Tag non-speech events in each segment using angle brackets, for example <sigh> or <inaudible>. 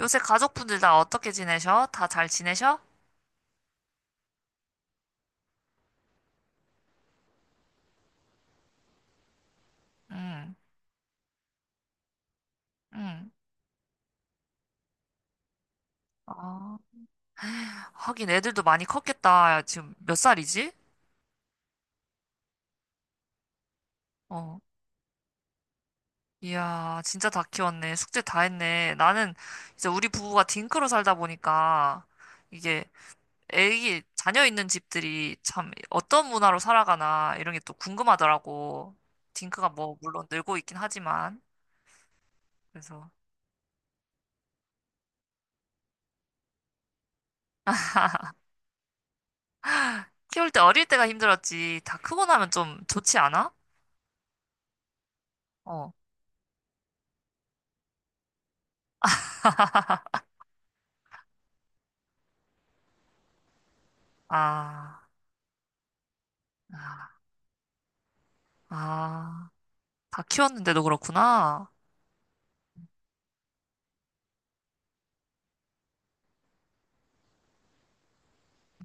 요새 가족분들 다 어떻게 지내셔? 다 잘 지내셔? 응, 응. 아, 하긴 애들도 많이 컸겠다. 지금 몇 살이지? 어. 이야, 진짜 다 키웠네. 숙제 다 했네. 나는 이제 우리 부부가 딩크로 살다 보니까 이게 애기, 자녀 있는 집들이 참 어떤 문화로 살아가나 이런 게 또 궁금하더라고. 딩크가 뭐, 물론 늘고 있긴 하지만. 그래서. 키울 때 어릴 때가 힘들었지. 다 크고 나면 좀 좋지 않아? 어. 아. 아. 아, 다 키웠는데도 그렇구나.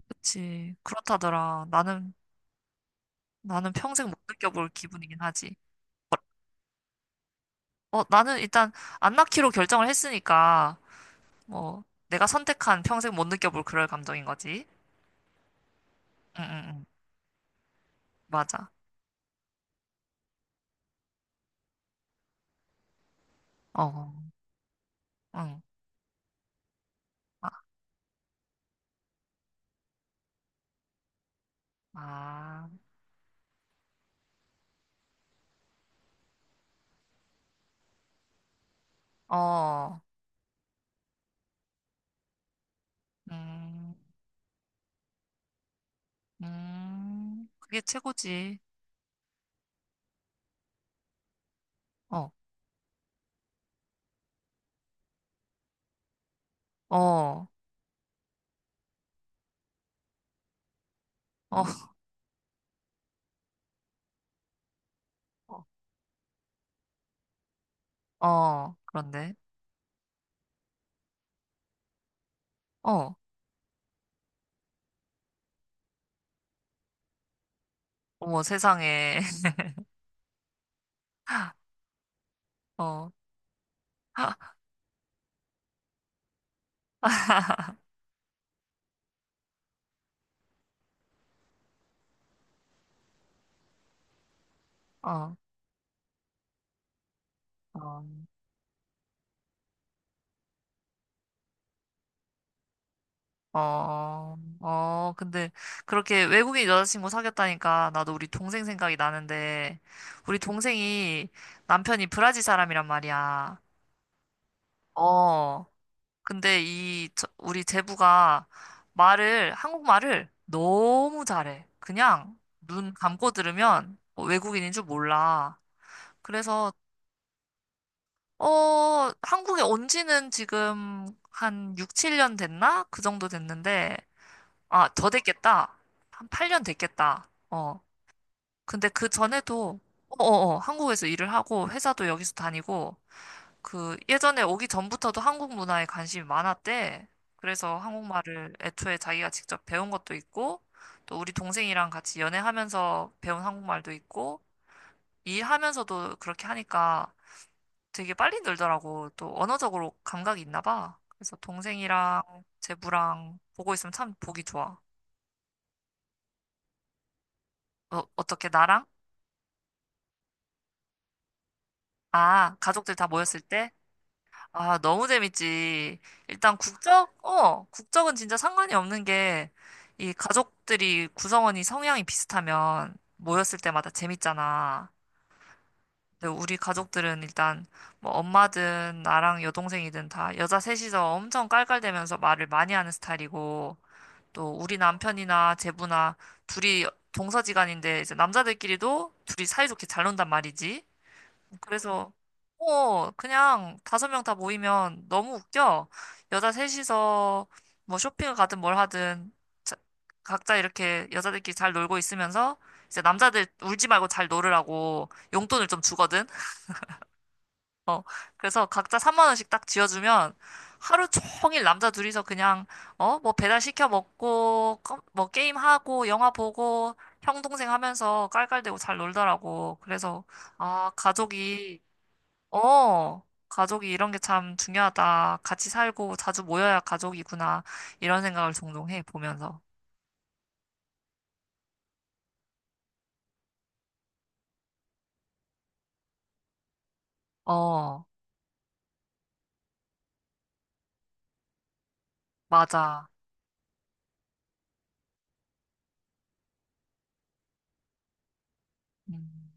그치. 그렇다더라. 나는, 나는 평생 못 느껴볼 기분이긴 하지. 어, 나는 일단 안 낳기로 결정을 했으니까, 뭐, 내가 선택한 평생 못 느껴볼 그럴 감정인 거지. 응, 응, 응. 맞아. 어, 응. 아, 아, 어, 음, 그게 최고지. 어, 어, 어, <laughs> 어, 어, 그런데, 어, 어머 세상에, <laughs> 어, <laughs> 어. 어, 어, 어, 근데 그렇게 외국인 여자친구 사귀었다니까 나도 우리 동생 생각이 나는데 우리 동생이 남편이 브라질 사람이란 말이야. 어, 근데 이 우리 제부가 말을 한국말을 너무 잘해. 그냥 눈 감고 들으면 뭐 외국인인 줄 몰라. 그래서 어, 한국에 온 지는 지금 한 6, 7년 됐나? 그 정도 됐는데 아, 더 됐겠다. 한 8년 됐겠다. 어. 근데 그 전에도, 한국에서 일을 하고, 회사도 여기서 다니고, 그, 예전에 오기 전부터도 한국 문화에 관심이 많았대. 그래서 한국말을 애초에 자기가 직접 배운 것도 있고, 또 우리 동생이랑 같이 연애하면서 배운 한국말도 있고, 일하면서도 그렇게 하니까 되게 빨리 늘더라고. 또 언어적으로 감각이 있나 봐. 그래서 동생이랑 제부랑 보고 있으면 참 보기 좋아. 어, 어떻게 나랑? 아, 가족들 다 모였을 때? 아, 너무 재밌지. 일단 국적? 어, 국적은 진짜 상관이 없는 게, 이 가족들이 구성원이 성향이 비슷하면 모였을 때마다 재밌잖아. 근데 우리 가족들은 일단 뭐 엄마든 나랑 여동생이든 다 여자 셋이서 엄청 깔깔대면서 말을 많이 하는 스타일이고, 또 우리 남편이나 제부나 둘이 동서지간인데 이제 남자들끼리도 둘이 사이좋게 잘 논단 말이지. 그래서 그냥 다섯 명 다 모이면 너무 웃겨. 여자 셋이서 뭐 쇼핑을 가든 뭘 하든 자- 각자 이렇게 여자들끼리 잘 놀고 있으면서 이제 남자들 울지 말고 잘 놀으라고 용돈을 좀 주거든. 어 그래서 각자 3만 원씩 딱 쥐어주면 하루 종일 남자 둘이서 그냥 뭐 배달 시켜 먹고 뭐 게임 하고 영화 보고 형 동생 하면서 깔깔대고 잘 놀더라고. 그래서 아 가족이 어, 가족이 이런 게 참 중요하다. 같이 살고 자주 모여야 가족이구나. 이런 생각을 종종 해, 보면서. 어, 맞아. 음,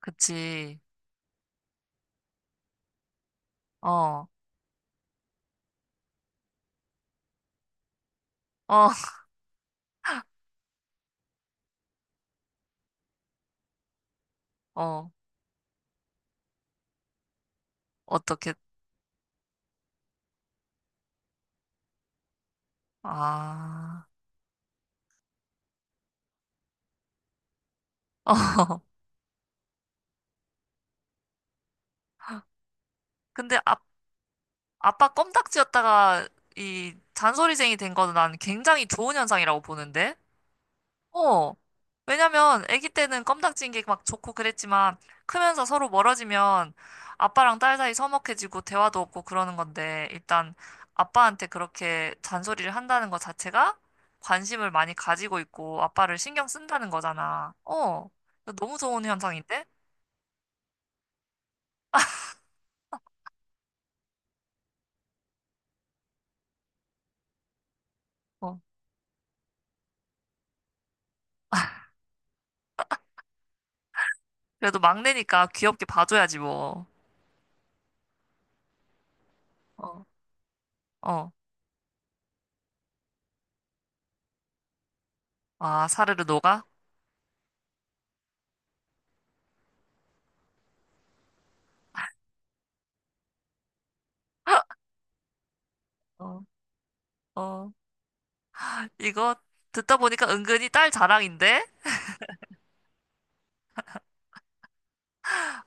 그치. 어, 어, <laughs> 어, 어떻게, 아, <laughs> 어. 근데 아, 아빠 껌딱지였다가 이 잔소리쟁이 된 거는 난 굉장히 좋은 현상이라고 보는데? 어. 왜냐면 아기 때는 껌딱지인 게 막 좋고 그랬지만 크면서 서로 멀어지면 아빠랑 딸 사이 서먹해지고 대화도 없고 그러는 건데 일단 아빠한테 그렇게 잔소리를 한다는 것 자체가 관심을 많이 가지고 있고 아빠를 신경 쓴다는 거잖아. 어. 너무 좋은 현상인데? 어. 그래도 막내니까 귀엽게 봐줘야지 뭐. 어, 어. 아, 사르르 녹아? 어. 어. 이거 듣다 보니까 은근히 딸 자랑인데?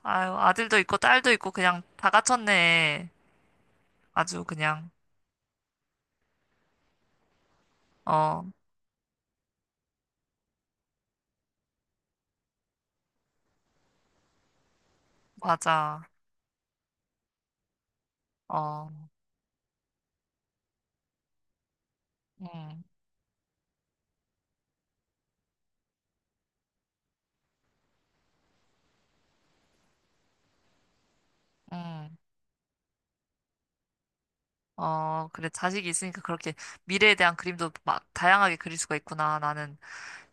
아유, 아들도 있고 딸도 있고 그냥 다 갖췄네. 아주 그냥. 어, 맞아. 어, 음, 음. 어, 그래. 자식이 있으니까 그렇게 미래에 대한 그림도 막 다양하게 그릴 수가 있구나. 나는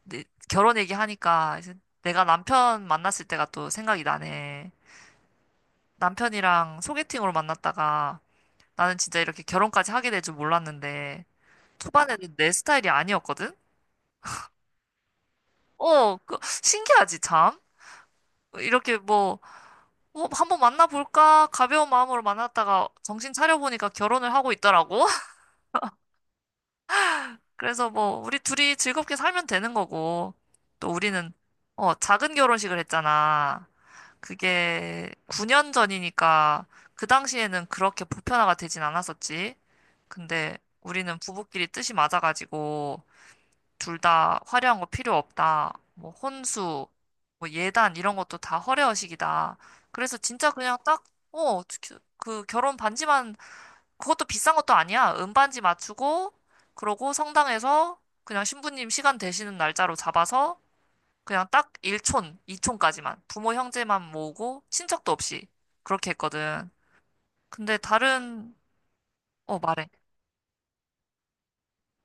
내- 결혼 얘기하니까 이제 내가 남편 만났을 때가 또 생각이 나네. 남편이랑 소개팅으로 만났다가 나는 진짜 이렇게 결혼까지 하게 될 줄 몰랐는데 초반에는 내 스타일이 아니었거든? 어, 그, 신기하지, 참? 이렇게 뭐 한번 만나볼까? 가벼운 마음으로 만났다가 정신 차려보니까 결혼을 하고 있더라고. <laughs> 그래서 뭐, 우리 둘이 즐겁게 살면 되는 거고. 또 우리는, 작은 결혼식을 했잖아. 그게 9년 전이니까 그 당시에는 그렇게 보편화가 되진 않았었지. 근데 우리는 부부끼리 뜻이 맞아가지고 둘 다 화려한 거 필요 없다. 뭐 혼수, 뭐 예단 이런 것도 다 허례허식이다. 그래서 진짜 그냥 딱, 그 결혼 반지만 그것도 비싼 것도 아니야. 은반지 맞추고 그러고 성당에서 그냥 신부님 시간 되시는 날짜로 잡아서 그냥 딱 1촌, 2촌까지만 부모 형제만 모으고 친척도 없이 그렇게 했거든. 근데 다른. 어, 말해.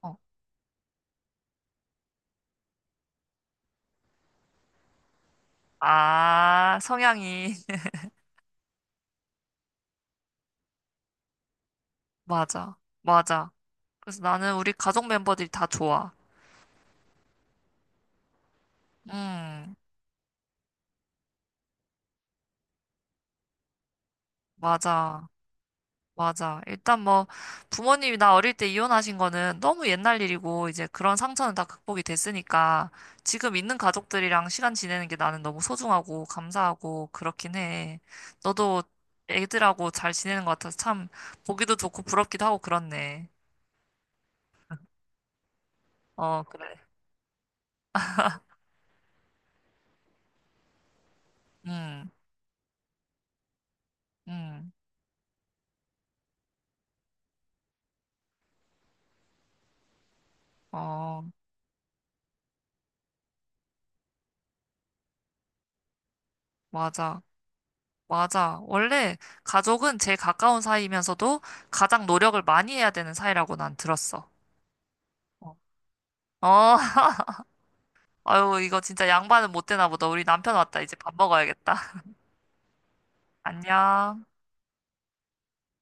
어. 아, 성향이 <laughs> 맞아. 맞아. 그래서 나는 우리 가족 멤버들이 다 좋아. 음, 맞아. 맞아. 일단 뭐, 부모님이 나 어릴 때 이혼하신 거는 너무 옛날 일이고, 이제 그런 상처는 다 극복이 됐으니까, 지금 있는 가족들이랑 시간 지내는 게 나는 너무 소중하고, 감사하고, 그렇긴 해. 너도 애들하고 잘 지내는 것 같아서 참, 보기도 좋고, 부럽기도 하고, 그렇네. 어, 그래. 음, 음, 어, 맞아. 맞아. 원래 가족은 제일 가까운 사이면서도 가장 노력을 많이 해야 되는 사이라고 난 들었어. 어, 어, <laughs> 아유, 이거 진짜 양반은 못 되나 보다. 우리 남편 왔다. 이제 밥 먹어야겠다. <laughs> 안녕.